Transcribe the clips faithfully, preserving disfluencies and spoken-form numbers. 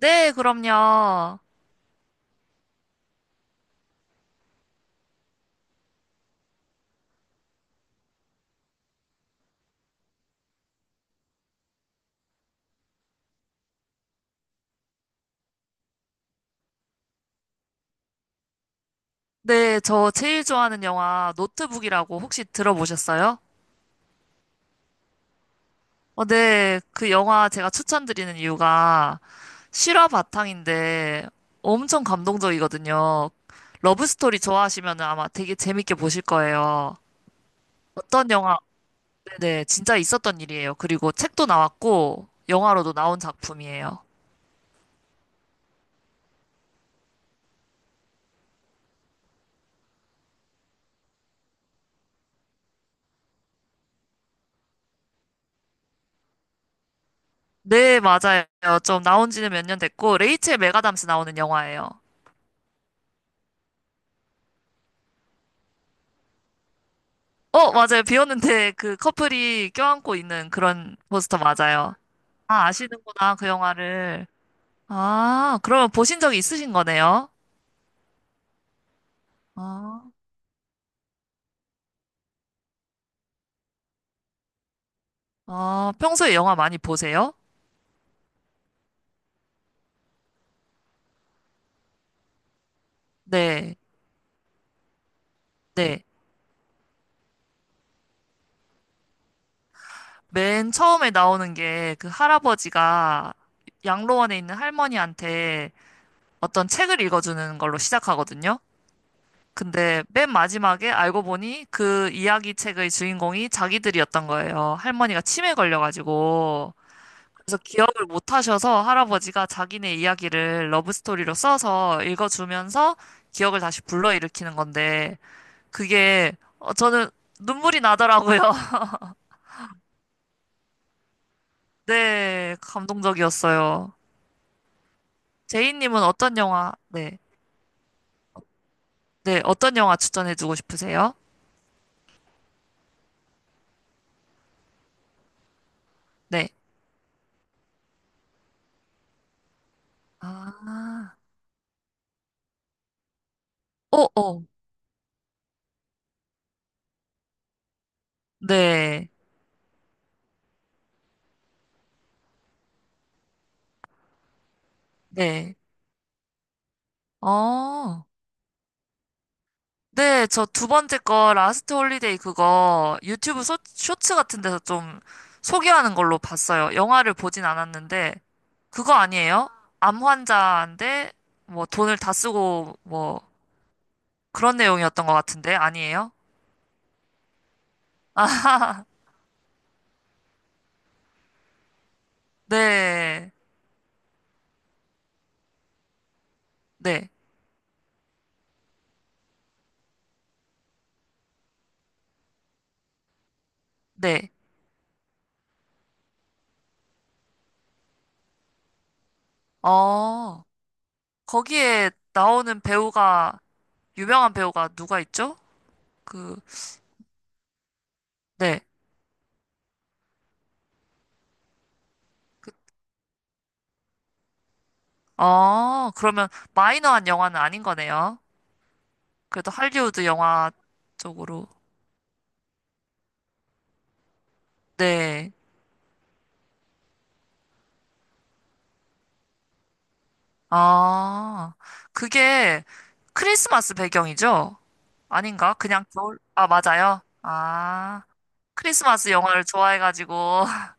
네, 그럼요. 네, 저 제일 좋아하는 영화 노트북이라고 혹시 들어보셨어요? 어, 네, 그 영화 제가 추천드리는 이유가 실화 바탕인데 엄청 감동적이거든요. 러브스토리 좋아하시면 아마 되게 재밌게 보실 거예요. 어떤 영화, 네네, 진짜 있었던 일이에요. 그리고 책도 나왔고, 영화로도 나온 작품이에요. 네, 맞아요. 좀 나온 지는 몇 년 됐고, 레이첼 메가담스 나오는 영화예요. 어, 맞아요. 비 오는데 그 커플이 껴안고 있는 그런 포스터 맞아요. 아, 아시는구나, 그 영화를. 아, 그러면 보신 적이 있으신 거네요? 아, 아, 평소에 영화 많이 보세요? 네, 네. 맨 처음에 나오는 게 그 할아버지가 양로원에 있는 할머니한테 어떤 책을 읽어주는 걸로 시작하거든요. 근데 맨 마지막에 알고 보니 그 이야기 책의 주인공이 자기들이었던 거예요. 할머니가 치매 걸려가지고. 그래서 기억을 못 하셔서 할아버지가 자기네 이야기를 러브스토리로 써서 읽어주면서 기억을 다시 불러일으키는 건데, 그게, 어, 저는 눈물이 나더라고요. 네, 감동적이었어요. 제이님은 어떤 영화, 네, 네, 어떤 영화 추천해주고 싶으세요? 네. 아, 어, 어, 네, 네. 어, 네, 저 두 번째 거 라스트 홀리데이 그거 유튜브 소, 쇼츠 같은 데서 좀 소개하는 걸로 봤어요. 영화를 보진 않았는데 그거 아니에요? 암 환자인데 뭐 돈을 다 쓰고 뭐 그런 내용이었던 것 같은데 아니에요? 네, 네, 네. 어, 거기에 나오는 배우가 유명한 배우가 누가 있죠? 그, 네. 어, 그러면 마이너한 영화는 아닌 거네요. 그래도 할리우드 영화 쪽으로. 네. 아, 그게 크리스마스 배경이죠? 아닌가? 그냥 겨울, 아, 맞아요. 아, 크리스마스 영화를 좋아해가지고,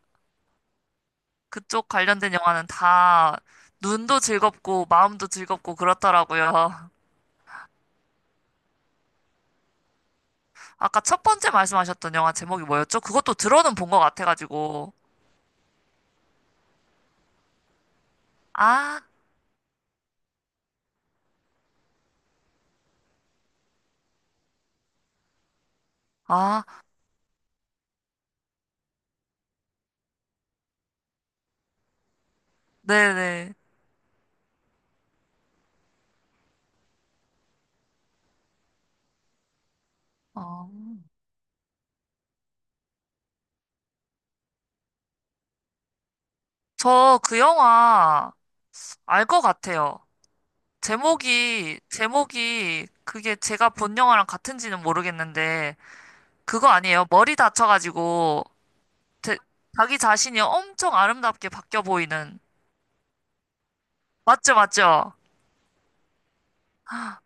그쪽 관련된 영화는 다 눈도 즐겁고, 마음도 즐겁고, 그렇더라고요. 아까 첫 번째 말씀하셨던 영화 제목이 뭐였죠? 그것도 들어는 본 것 같아가지고. 아, 아, 네네. 어, 저 그 영화 알 것 같아요. 제목이, 제목이 그게 제가 본 영화랑 같은지는 모르겠는데, 그거 아니에요. 머리 다쳐가지고, 제- 자기 자신이 엄청 아름답게 바뀌어 보이는. 맞죠, 맞죠?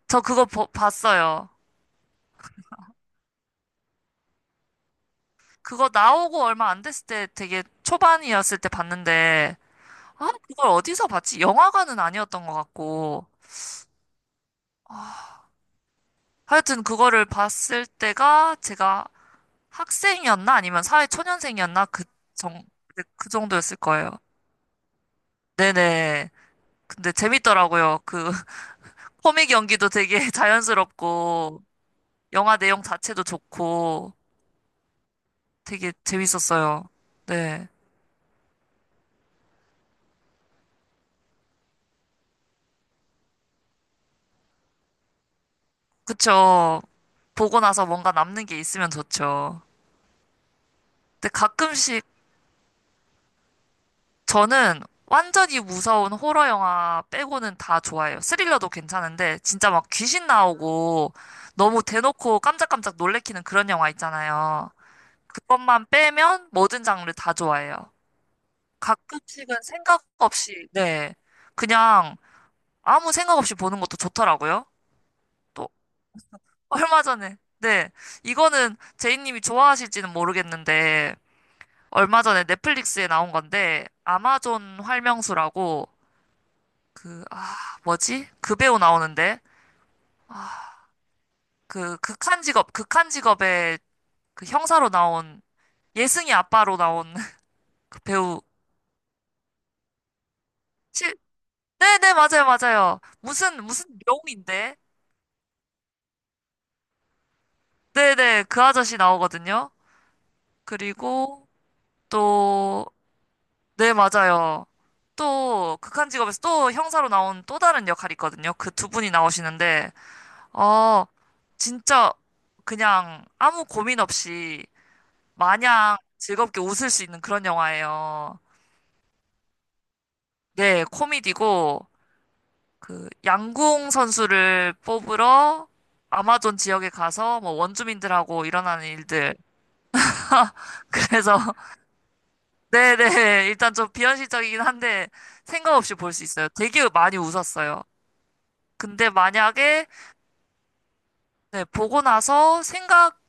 저 그거 보- 봤어요. 그거 나오고 얼마 안 됐을 때 되게 초반이었을 때 봤는데, 아, 그걸 어디서 봤지? 영화관은 아니었던 것 같고. 하여튼 그거를 봤을 때가 제가 학생이었나? 아니면 사회초년생이었나? 그 정, 그 정도였을 거예요. 네네. 근데 재밌더라고요. 그 코믹 연기도 되게 자연스럽고 영화 내용 자체도 좋고 되게 재밌었어요. 네. 그쵸. 보고 나서 뭔가 남는 게 있으면 좋죠. 근데 가끔씩 저는 완전히 무서운 호러 영화 빼고는 다 좋아해요. 스릴러도 괜찮은데 진짜 막 귀신 나오고 너무 대놓고 깜짝깜짝 놀래키는 그런 영화 있잖아요. 그것만 빼면 모든 장르 다 좋아해요. 가끔씩은 생각 없이, 네. 그냥 아무 생각 없이 보는 것도 좋더라고요. 또, 얼마 전에, 네. 이거는 제이님이 좋아하실지는 모르겠는데, 얼마 전에 넷플릭스에 나온 건데, 아마존 활명수라고, 그, 아, 뭐지? 그 배우 나오는데, 그, 극한 직업, 극한 직업의 그 형사로 나온, 예승이 아빠로 나온 그 배우, 실, 네네, 맞아요, 맞아요. 무슨, 무슨 명인데? 네네, 그 아저씨 나오거든요. 그리고 또, 네, 맞아요. 또, 극한 직업에서 또 형사로 나온 또 다른 역할이 있거든요. 그 두 분이 나오시는데, 어, 진짜 그냥 아무 고민 없이 마냥 즐겁게 웃을 수 있는 그런 영화예요. 네, 코미디고, 그, 양궁 선수를 뽑으러 아마존 지역에 가서 뭐 원주민들하고 일어나는 일들. 그래서 네네. 일단 좀 비현실적이긴 한데 생각 없이 볼 수 있어요. 되게 많이 웃었어요. 근데 만약에 네, 보고 나서 생각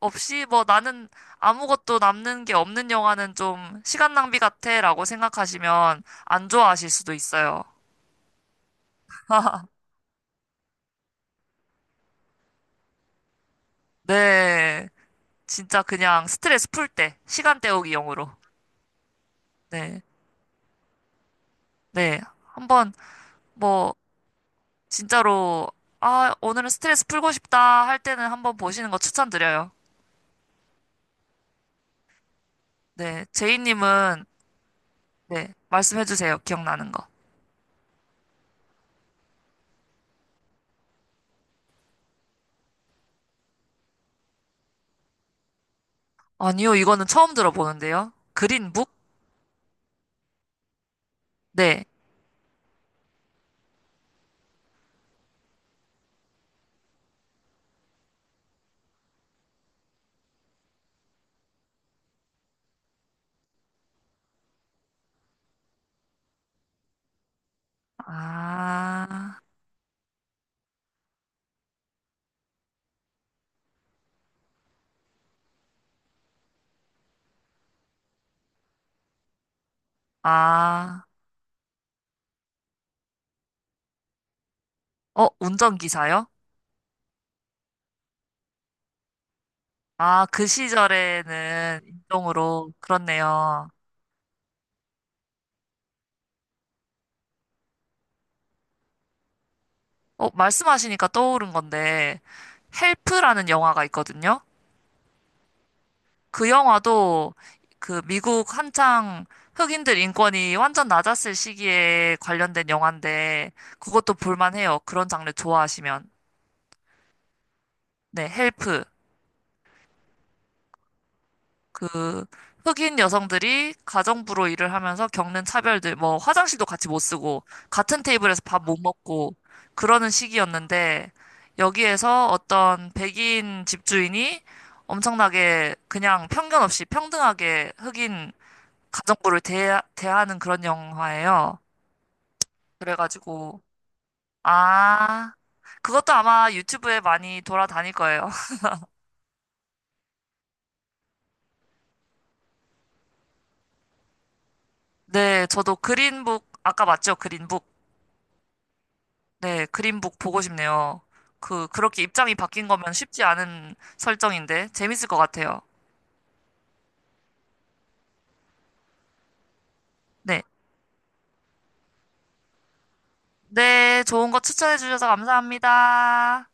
없이 뭐 나는 아무것도 남는 게 없는 영화는 좀 시간 낭비 같아라고 생각하시면 안 좋아하실 수도 있어요. 네. 진짜 그냥 스트레스 풀 때, 시간 때우기 용으로. 네. 네. 한번 뭐 진짜로 아, 오늘은 스트레스 풀고 싶다 할 때는 한번 보시는 거 추천드려요. 네, 제이님은 네. 말씀해 주세요. 기억나는 거. 아니요, 이거는 처음 들어보는데요. 그린북? 네. 아, 아, 어, 운전기사요? 아, 그 시절에는 인종으로, 그렇네요. 어, 말씀하시니까 떠오른 건데, 헬프라는 영화가 있거든요. 그 영화도 그 미국 한창 흑인들 인권이 완전 낮았을 시기에 관련된 영화인데, 그것도 볼만해요. 그런 장르 좋아하시면. 네, 헬프. 그 흑인 여성들이 가정부로 일을 하면서 겪는 차별들, 뭐 화장실도 같이 못 쓰고 같은 테이블에서 밥 못 먹고 그러는 시기였는데 여기에서 어떤 백인 집주인이 엄청나게 그냥 편견 없이 평등하게 흑인 가정부를 대, 대하는 그런 영화예요. 그래가지고 아 그것도 아마 유튜브에 많이 돌아다닐 거예요. 네, 저도 그린북 아까 맞죠? 그린북. 네, 그린북 보고 싶네요. 그, 그렇게 입장이 바뀐 거면 쉽지 않은 설정인데, 재밌을 것 같아요. 네. 네, 좋은 거 추천해 주셔서 감사합니다.